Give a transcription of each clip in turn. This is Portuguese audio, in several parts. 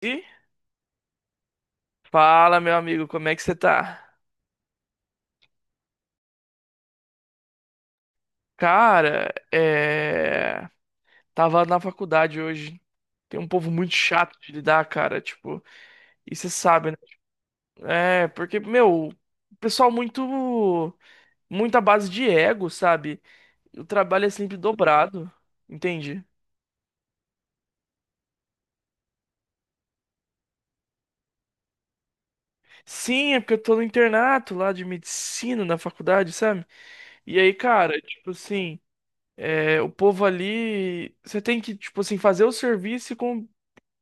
E fala, meu amigo, como é que você tá? Cara, tava na faculdade hoje. Tem um povo muito chato de lidar, cara, tipo, e você sabe, né? É, porque, meu, o pessoal muito à base de ego, sabe? O trabalho é sempre dobrado, entende? Sim, é porque eu tô no internato lá de medicina na faculdade, sabe? E aí, cara, tipo assim, é, o povo ali, você tem que, tipo assim, fazer o serviço e com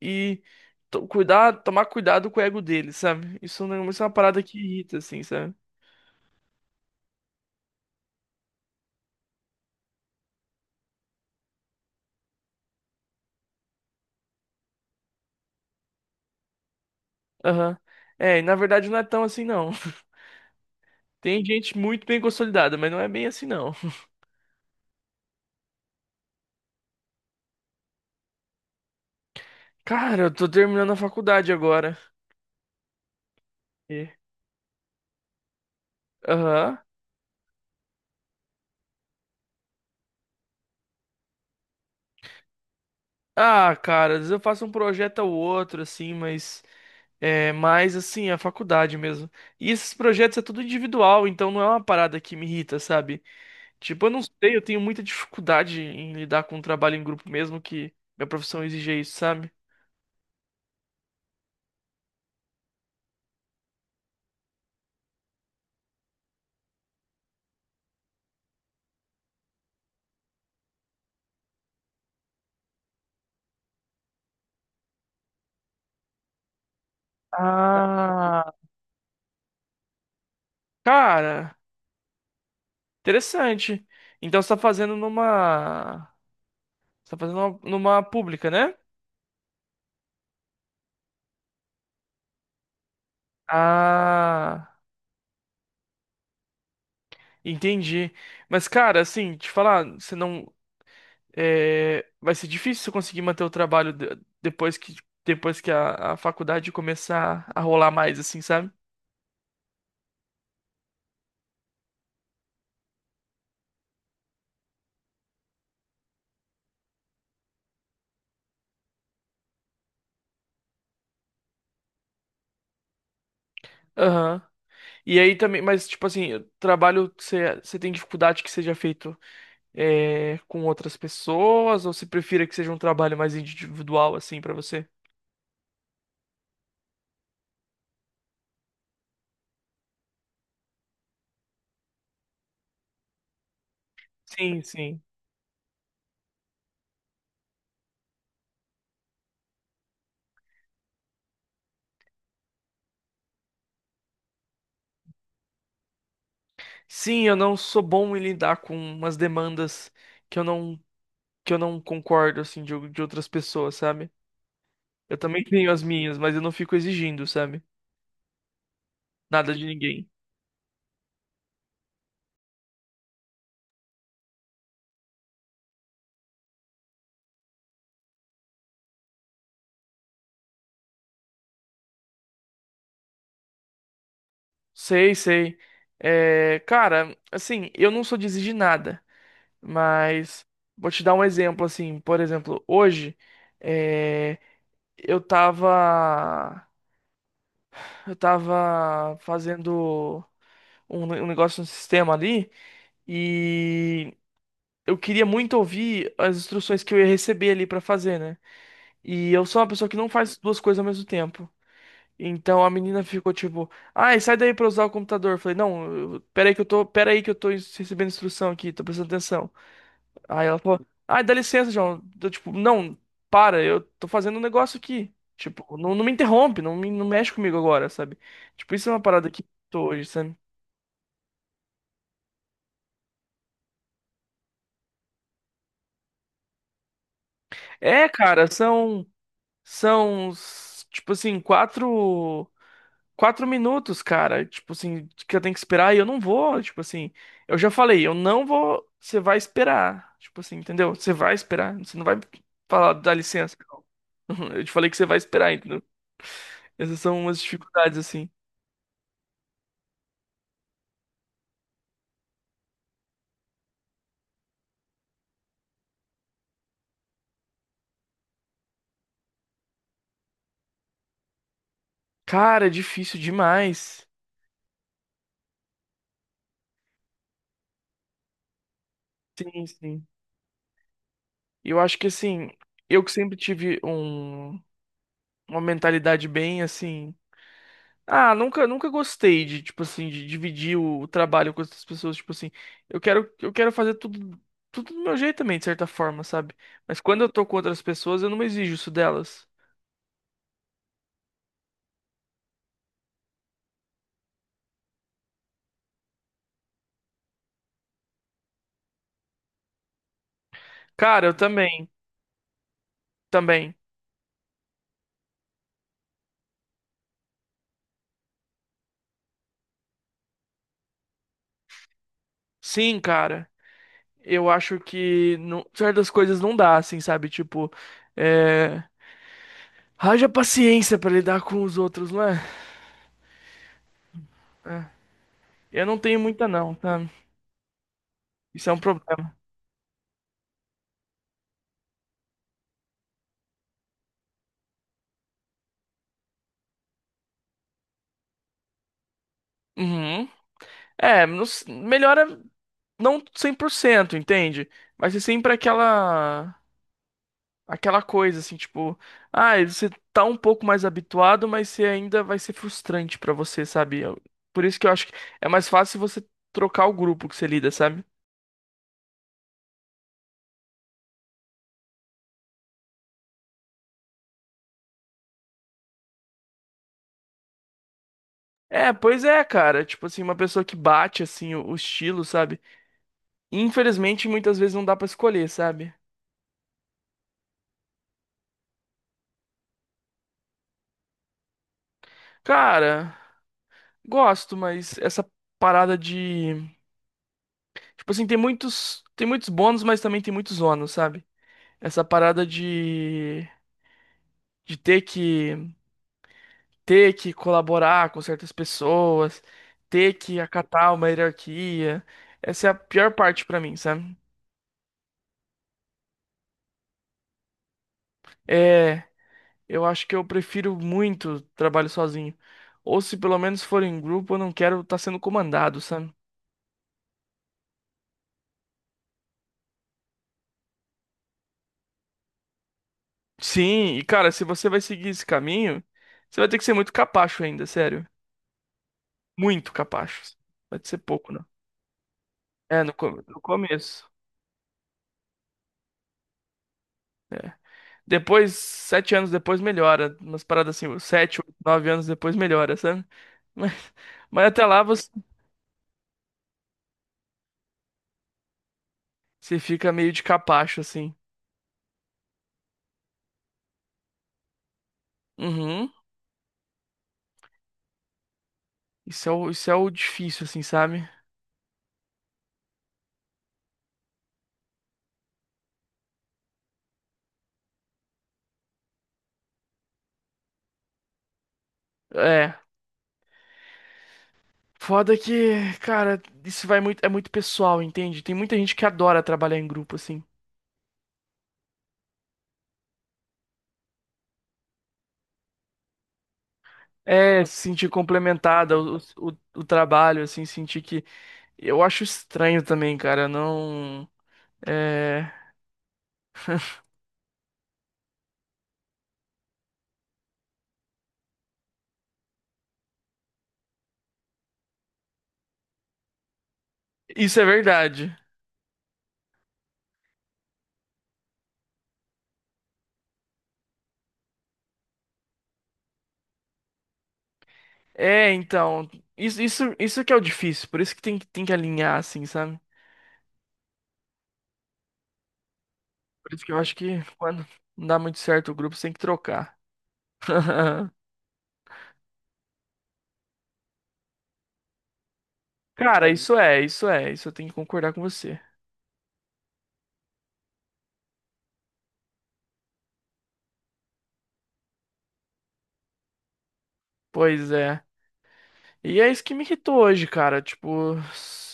e to- cuidar, tomar cuidado com o ego dele, sabe? Isso, não, isso é uma parada que irrita, assim, sabe? Aham. É, e na verdade não é tão assim, não. Tem gente muito bem consolidada, mas não é bem assim, não. Cara, eu tô terminando a faculdade agora. E- Aham. Ah, cara, às vezes eu faço um projeto ou outro, assim, mas. É mais assim, a faculdade mesmo. E esses projetos é tudo individual, então não é uma parada que me irrita, sabe? Tipo, eu não sei, eu tenho muita dificuldade em lidar com o trabalho em grupo mesmo que minha profissão exige isso, sabe? Ah, cara, interessante. Então você tá fazendo numa. Você tá fazendo numa pública, né? Ah, entendi. Mas, cara, assim, te falar, você não. É, vai ser difícil você conseguir manter o trabalho depois que a faculdade começar a rolar mais, assim, sabe? Aham. E aí também, mas tipo assim, trabalho você tem dificuldade que seja feito é, com outras pessoas ou você prefira que seja um trabalho mais individual assim pra você? Sim, sim. Sim, eu não sou bom em lidar com umas demandas que eu não que eu não concordo assim de outras pessoas, sabe? Eu também tenho as minhas, mas eu não fico exigindo, sabe? Nada de ninguém. Sei, sei. É, cara, assim, eu não sou de exigir nada. Mas vou te dar um exemplo assim, por exemplo, hoje eh, eu tava eu tava fazendo um, um negócio no sistema ali e eu queria muito ouvir as instruções que eu ia receber ali pra fazer, né? E eu sou uma pessoa que não faz duas coisas ao mesmo tempo. Então a menina ficou tipo, ai, sai daí pra usar o computador. Eu falei, não, pera aí que eu tô, pera aí que eu tô recebendo instrução aqui, tô prestando atenção. Aí ela falou, ai, dá licença, João. Eu, tipo, não, para, eu tô fazendo um negócio aqui. Tipo, não, não me interrompe, não, me, não mexe comigo agora, sabe? Tipo, isso é uma parada que eu tô hoje, sabe? É, cara, são tipo assim, quatro minutos, cara. Tipo assim, que eu tenho que esperar e eu não vou, tipo assim. Eu já falei, eu não vou, você vai esperar. Tipo assim, entendeu? Você vai esperar, você não vai falar, dá licença. Não." Eu te falei que você vai esperar, entendeu? Essas são umas dificuldades, assim. Cara, é difícil demais. Sim, sim. Eu acho que assim, eu que sempre tive um, uma mentalidade bem assim. Ah, nunca, nunca gostei de, tipo assim, de dividir o trabalho com outras pessoas, tipo assim, eu quero fazer tudo, tudo do meu jeito também, de certa forma, sabe? Mas quando eu tô com outras pessoas, eu não exijo isso delas. Cara, eu também, também. Sim, cara. Eu acho que certas coisas não dá, assim, sabe? Tipo, é. Haja paciência pra lidar com os outros, não é? É. Eu não tenho muita, não, tá? Isso é um problema. Uhum. É, melhora não 100%, entende? Mas é sempre aquela coisa assim, tipo, ah, você tá um pouco mais habituado, mas você ainda vai ser frustrante pra você, sabe? Por isso que eu acho que é mais fácil você trocar o grupo que você lida, sabe? É, pois é, cara. Tipo assim, uma pessoa que bate assim o estilo, sabe? Infelizmente, muitas vezes não dá pra escolher, sabe? Cara, gosto, mas essa parada de. Tipo assim, tem muitos. Tem muitos bônus, mas também tem muitos ônus, sabe? Essa parada de. De ter que. Ter que colaborar com certas pessoas, ter que acatar uma hierarquia. Essa é a pior parte pra mim, sabe? É. Eu acho que eu prefiro muito trabalho sozinho. Ou se pelo menos for em grupo, eu não quero estar sendo comandado, sabe? Sim, e cara, se você vai seguir esse caminho, você vai ter que ser muito capacho ainda, sério. Muito capacho. Vai ser pouco, não. É, no começo. É. Depois, sete anos depois melhora. Umas paradas assim, sete, oito, nove anos depois melhora, sabe? Mas, mas até lá você, você fica meio de capacho, assim. Uhum. Isso é o difícil, assim, sabe? É. Foda que, cara, isso vai muito, é muito pessoal, entende? Tem muita gente que adora trabalhar em grupo, assim. É, se sentir complementada o trabalho, assim, sentir que. Eu acho estranho também, cara, não. É. Isso é verdade. É, então. Isso que é o difícil, por isso que tem que alinhar, assim, sabe? Por isso que eu acho que quando não dá muito certo o grupo, você tem que trocar. Cara, isso eu tenho que concordar com você. Pois é. E é isso que me irritou hoje, cara, tipo,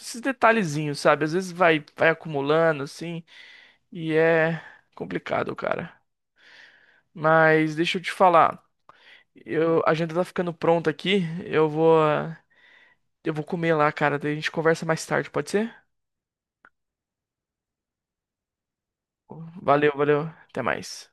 esses detalhezinhos, sabe? Às vezes vai, vai acumulando, assim. E é complicado, cara. Mas deixa eu te falar. Eu, a agenda tá ficando pronta aqui. Eu vou comer lá, cara. Daí a gente conversa mais tarde, pode ser? Valeu, valeu. Até mais.